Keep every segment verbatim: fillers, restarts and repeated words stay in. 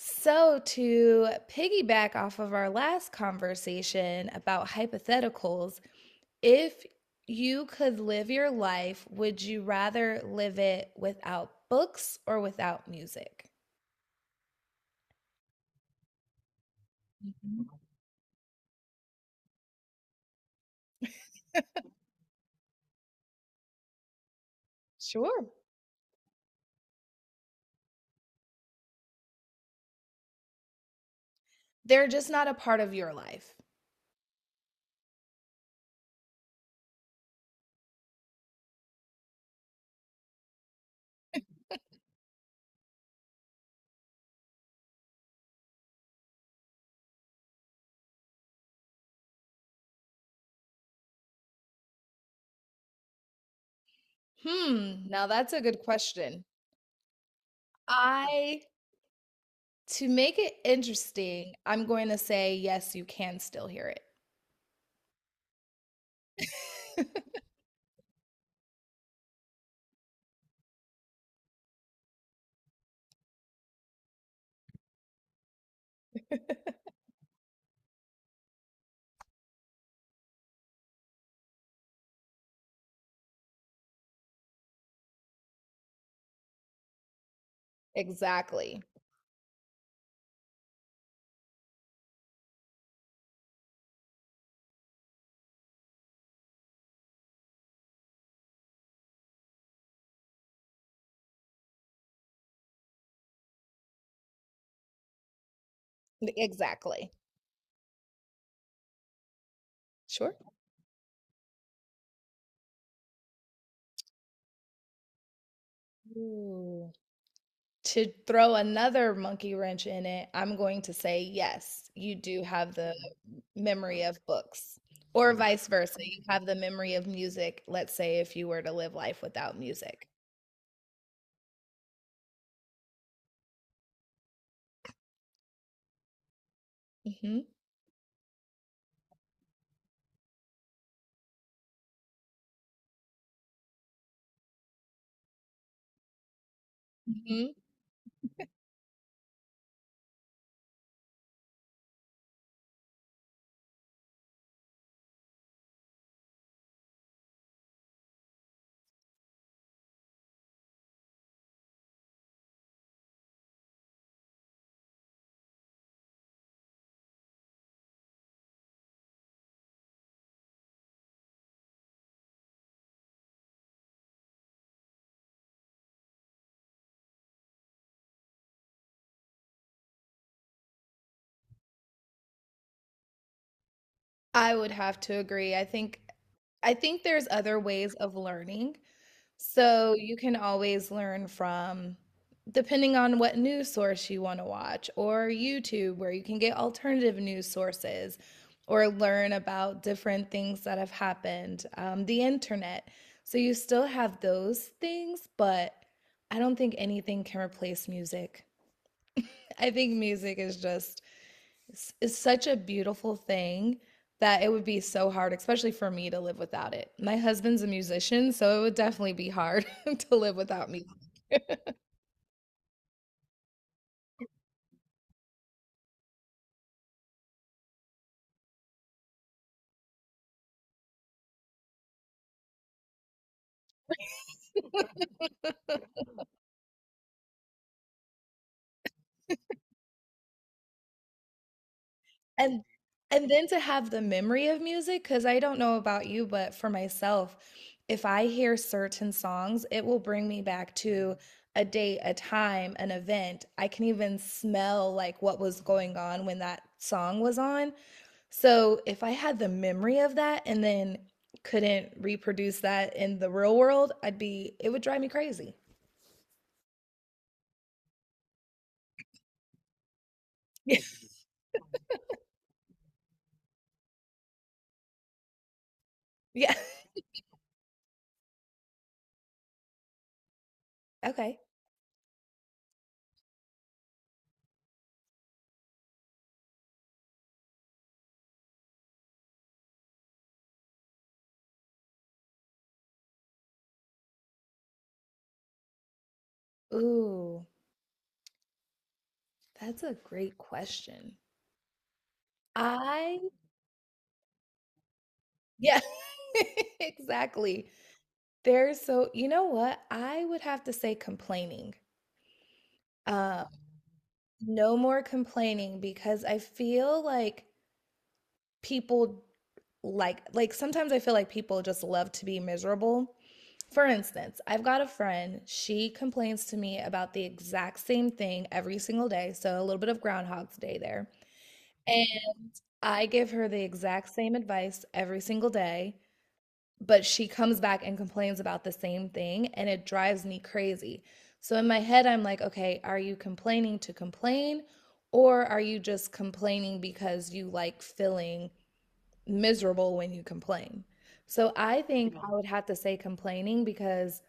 So, to piggyback off of our last conversation about hypotheticals, if you could live your life, would you rather live it without books or without music? Mhm. Sure. They're just not a part of your life. Hmm. Now, that's a good question. I, to make it interesting, I'm going to say yes, you can still hear it. Exactly. e, Exactly. Sure. Ooh. To throw another monkey wrench in it, I'm going to say yes, you do have the memory of books, or Mm. vice versa. You have the memory of music, let's say if you were to live life without music. Hmm. Hmm. I would have to agree. I think I think there's other ways of learning. So you can always learn from, depending on what news source you want to watch, or YouTube, where you can get alternative news sources, or learn about different things that have happened, um, the internet. So you still have those things, but I don't think anything can replace music. I think music is just s- is such a beautiful thing that it would be so hard, especially for me to live without it. My husband's a musician, so it would definitely be hard to live without music. And and then to have the memory of music, because I don't know about you, but for myself, if I hear certain songs, it will bring me back to a date, a time, an event. I can even smell like what was going on when that song was on. So if I had the memory of that and then couldn't reproduce that in the real world, I'd be, it would drive me crazy. Yeah. Yeah. Okay. Ooh, that's a great question. I, yeah, exactly. There's so, you know what? I would have to say complaining. Um, no more complaining because I feel like people like like sometimes I feel like people just love to be miserable. For instance, I've got a friend, she complains to me about the exact same thing every single day, so a little bit of groundhog's day there. And I give her the exact same advice every single day, but she comes back and complains about the same thing and it drives me crazy. So in my head I'm like, okay, are you complaining to complain or are you just complaining because you like filling miserable when you complain? So I think I would have to say complaining because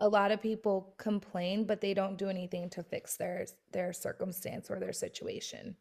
a lot of people complain, but they don't do anything to fix their their circumstance or their situation.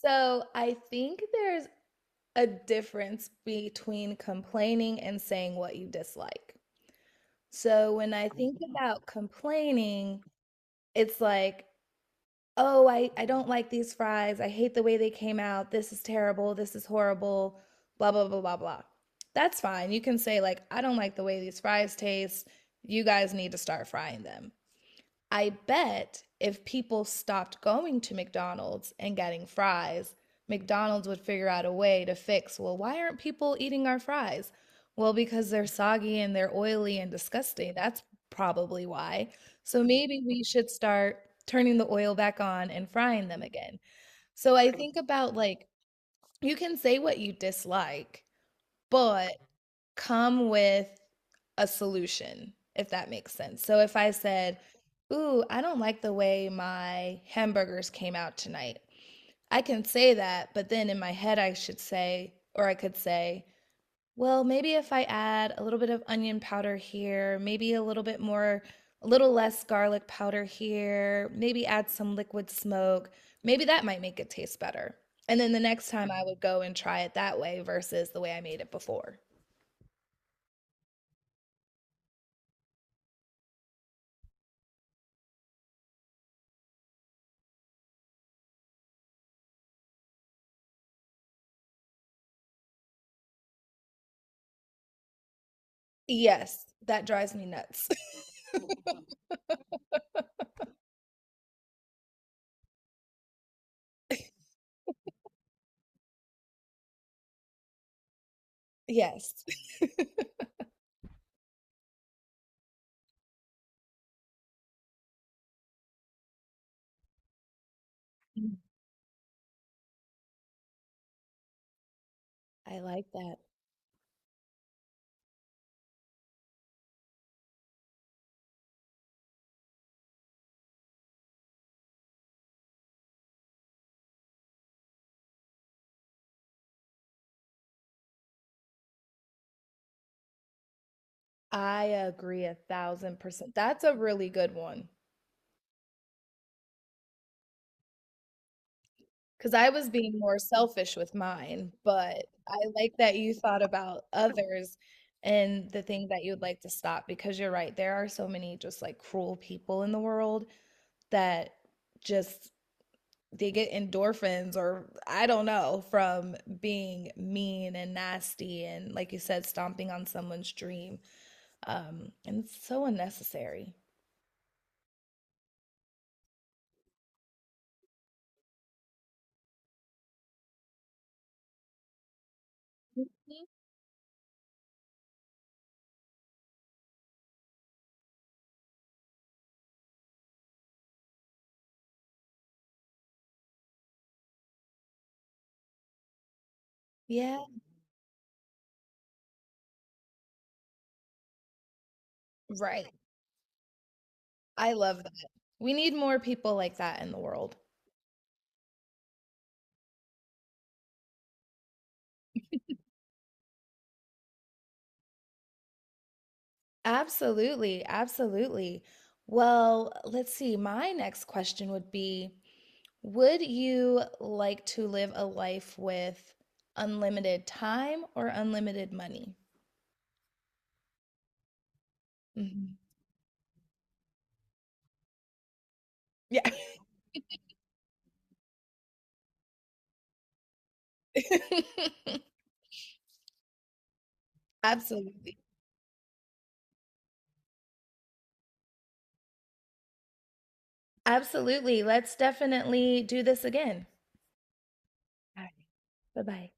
So I think there's a difference between complaining and saying what you dislike. So when I think about complaining, it's like, oh, I, I don't like these fries. I hate the way they came out. This is terrible. This is horrible. Blah, blah, blah, blah, blah. That's fine. You can say, like, I don't like the way these fries taste. You guys need to start frying them. I bet if people stopped going to McDonald's and getting fries, McDonald's would figure out a way to fix, well, why aren't people eating our fries? Well, because they're soggy and they're oily and disgusting. That's probably why. So maybe we should start turning the oil back on and frying them again. So I think about like, you can say what you dislike, but come with a solution, if that makes sense. So if I said, ooh, I don't like the way my hamburgers came out tonight, I can say that, but then in my head, I should say, or I could say, well, maybe if I add a little bit of onion powder here, maybe a little bit more, a little less garlic powder here, maybe add some liquid smoke, maybe that might make it taste better. And then the next time I would go and try it that way versus the way I made it before. Yes, that drives me nuts. Yes. Mm. I like that. I agree one thousand percent. That's a really good one because I was being more selfish with mine, but I like that you thought about others and the thing that you'd like to stop because you're right. There are so many just like cruel people in the world that just they get endorphins or I don't know from being mean and nasty and like you said, stomping on someone's dream. Um, and it's so unnecessary. Mhm. Yeah, right. I love that. We need more people like that in the world. Absolutely, absolutely. Well, let's see. My next question would be, would you like to live a life with unlimited time or unlimited money? Mhm. Yeah. Absolutely. Absolutely. Let's definitely do this again. Alright. Bye-bye.